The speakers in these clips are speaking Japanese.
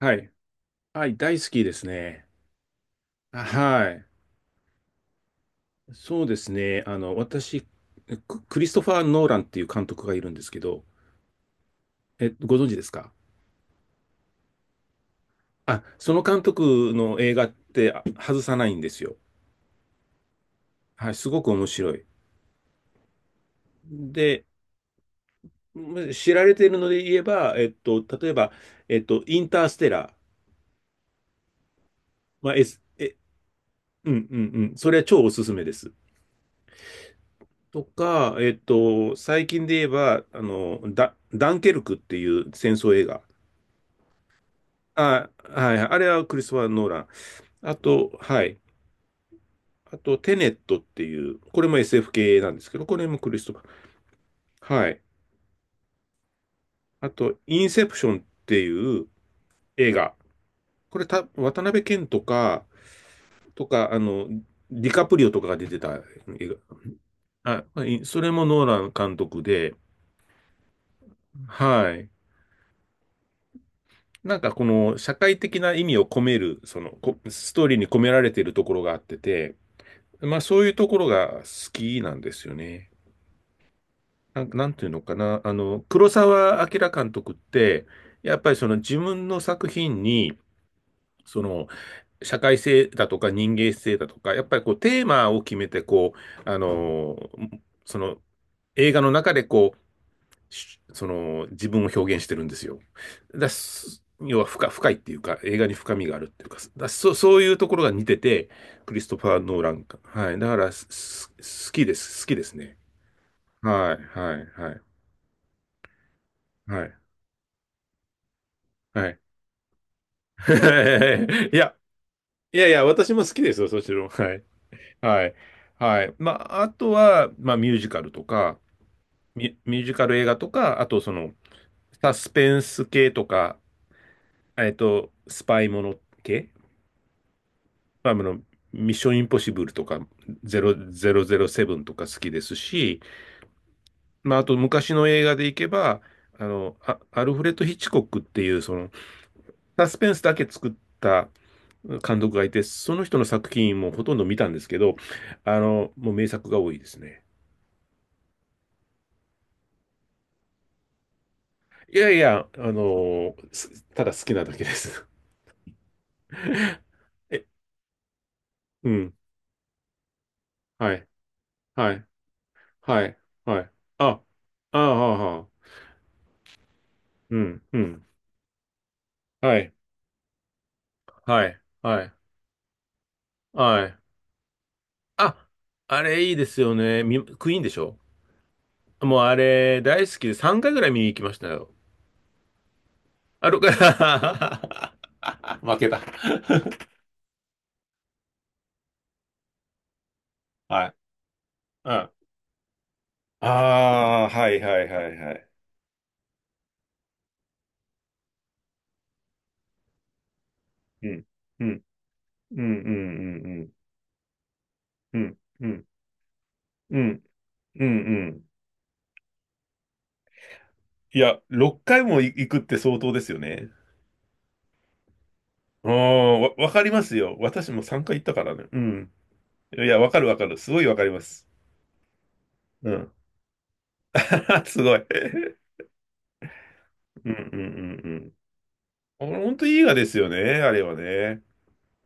はい。はい、大好きですね。あはい。そうですね。私、クリストファー・ノーランっていう監督がいるんですけど、ご存知ですか？あ、その監督の映画って外さないんですよ。はい、すごく面白い。で、知られているので言えば、例えば、インターステラー。まあ、うんうんうん。それは超おすすめです。とか、最近で言えば、ダンケルクっていう戦争映画。あ、はい、あれはクリストファー・ノーラン。あと、はい。あと、テネットっていう、これも SF 系なんですけど、これもクリストファー。はい。あと、インセプションっていう映画。これた、渡辺謙とか、とか、ディカプリオとかが出てた映画。それもノーラン監督で、はい。なんかこの社会的な意味を込める、その、ストーリーに込められているところがあってて、まあそういうところが好きなんですよね。なんていうのかな、黒澤明監督って、やっぱりその自分の作品に、その社会性だとか人間性だとか、やっぱりこうテーマを決めて、こう、その映画の中でこう、その自分を表現してるんですよ。要は深いっていうか、映画に深みがあるっていうか、そういうところが似てて、クリストファー・ノーランか。はい。だから好きです。好きですね。はい、はい、はい、はい、はい。いや、いやいや、私も好きですよ、そちらも。はい。はい。はい。まあ、あとは、まあ、ミュージカルとか、ミュージカル映画とか、あと、その、サスペンス系とか、スパイもの系、まあ、ミッションインポッシブルとか、007とか好きですし、まあ、あと、昔の映画でいけば、アルフレッド・ヒッチコックっていう、その、サスペンスだけ作った監督がいて、その人の作品もほとんど見たんですけど、もう名作が多いですね。いやいや、ただ好きなだけです。え、うん、はい、はい、はい、はい。あ、ああ、ああ、うん、うん、はい、はい、はい、はい。あ、あれいいですよね。クイーンでしょ？もうあれ大好きで3回ぐらい見に行きましたよ。あるから 負けた。はい。うんああ、はいはいはいはい。うん、うん、うん、うん、うん、うん、うん、うん、うん、うん。いや、6回も行くって相当ですよね。ああ、わかりますよ。私も3回行ったからね。うん。いや、わかるわかる。すごいわかります。うん。すごい。うん、うん、うん、うん。あれ、本当いい映画ですよね、あれはね。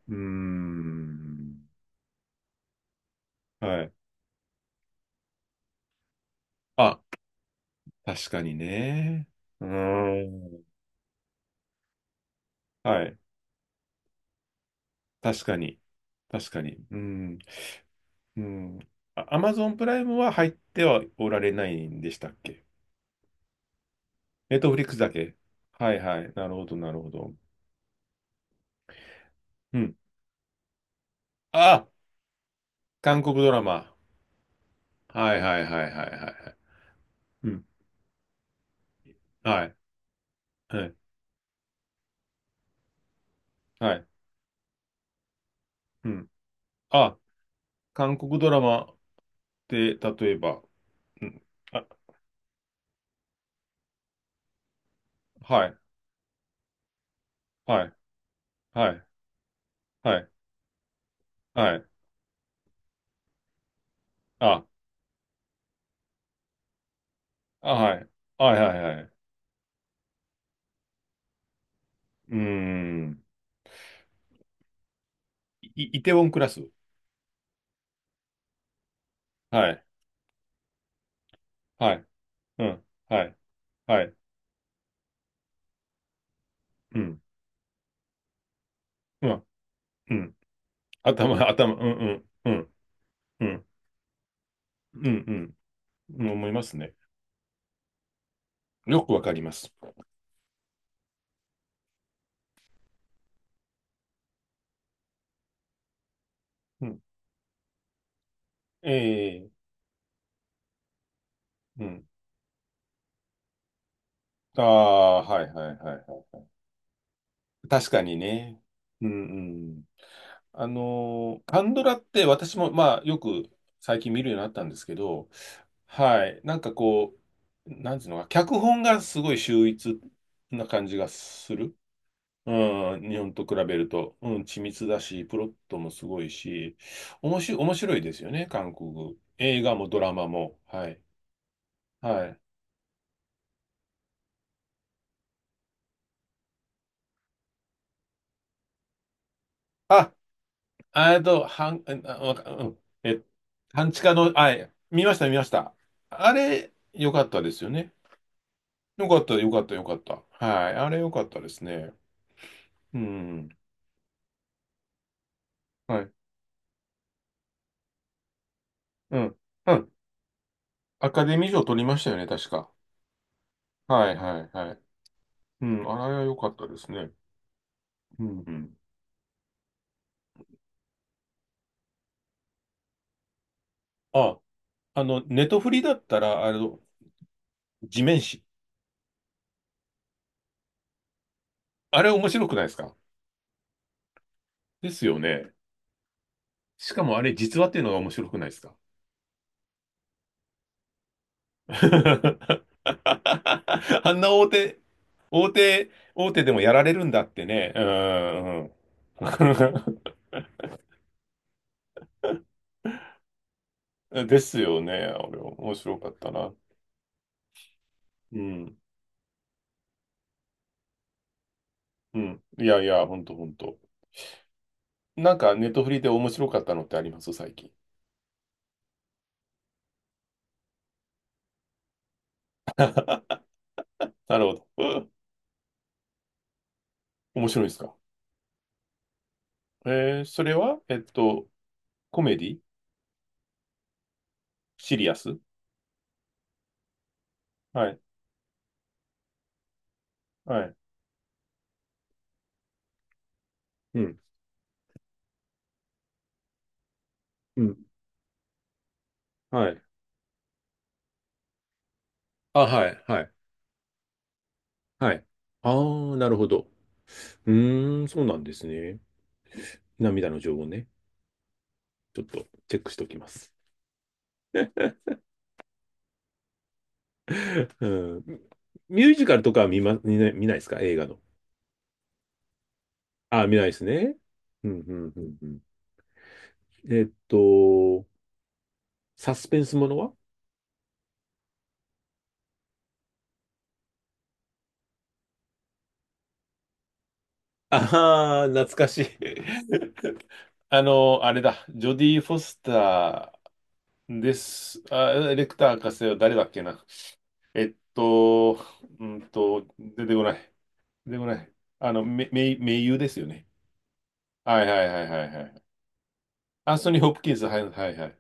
うーん。はい。あ、確かにね。うーん。はい。確かに。確かに。うん。うん。アマゾンプライムは入ってはおられないんでしたっけ？ネットフリックスだけ。はいはい。なるほど、なるほど。うん。あ、韓国ドラマ。はいはいはいはいはいはい。うん。はい。はい。はい。うん。あ、韓国ドラマで、例えば、うん。あ、はい。はい。はい。はい。はい。あ、あ、はい。はいはいはいうんあ韓国ドラマって例えばうんあはいはいはいはいはいああはいはいはいはい。うーん。い、イテウォンクラス。はい。はい。うん。はい。はい。うん。うん。うん頭、うん、うん、うん、うん、うん、うん、思いますね。よくわかります。うん。ええうん。ああ、はいはいはいはい。確かにね。うんうん。カンドラって私も、まあ、よく最近見るようになったんですけど、はい。なんかこう、なんていうのか、脚本がすごい秀逸な感じがする。うん、日本と比べると、うん、緻密だし、プロットもすごいし、おもし、面白いですよね、韓国。映画もドラマも。はい。はい。あ、あえっと、はん、あ、わかうん、え、半地下の、あ、見ました、見ました。あれ、よかったですよね。よかった、よかった、よかった。はい。あれ、よかったですね。うん。はい。うん。うん。アカデミー賞取りましたよね、確か。はい、はい、はい。うん、あれはよかったですね。うん、うん。あネトフリだったら、地面師。あれ面白くないですか？ですよね。しかもあれ実話っていうのが面白くないですか？ あんな大手、大手、大手でもやられるんだってね。うん。うん ですよね。あれ面白かったな。うん。うん。いやいや、ほんとほんと。なんかネットフリで面白かったのってあります最近？なるほど。うん面白いですか？えそれはコメディ？シリアスはい。はい。うん。うん。はい。あ、はい、はい、はい。ああ、なるほど。うーん、そうなんですね。涙の情報ね。ちょっとチェックしておきます。うん。ミュージカルとかは見ないですか映画の？あ、見ないですね。うん、うん、うん、うん。えっと、サスペンスものはああー、懐かしい。あれだ。ジョディ・フォスターです。あ、レクター博士は誰だっけな。えっと、出てこない。出てこない。あの、め、め、名優ですよね。はいはいはいはいはい。アンソニー・ホプキンス、はいはいはい。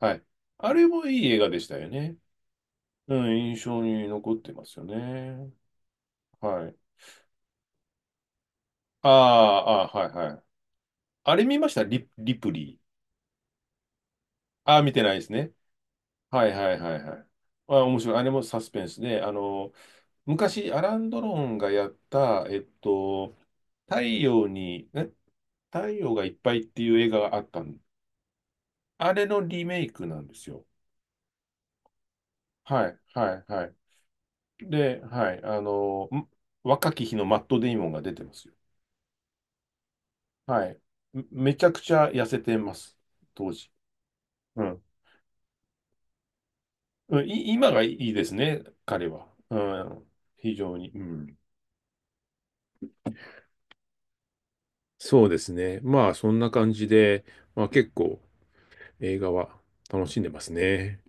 はい。あれもいい映画でしたよね。うん、印象に残ってますよね。はい。ああ、ああ、はいはい。あれ見ましたリプリー。ああ、見てないですね。はいはいはいはい。あ、面白い。あれもサスペンスで、昔、アラン・ドロンがやった、太陽に、え太陽がいっぱいっていう映画があったの。あれのリメイクなんですよ。はい、はい、はい。で、はい、若き日のマット・デイモンが出てますよ。はい。めちゃくちゃ痩せてます、当時。うん。うん今がいいですね、彼は。うん、非常に。うん。そうですね。まあ、そんな感じで、まあ結構映画は楽しんでますね。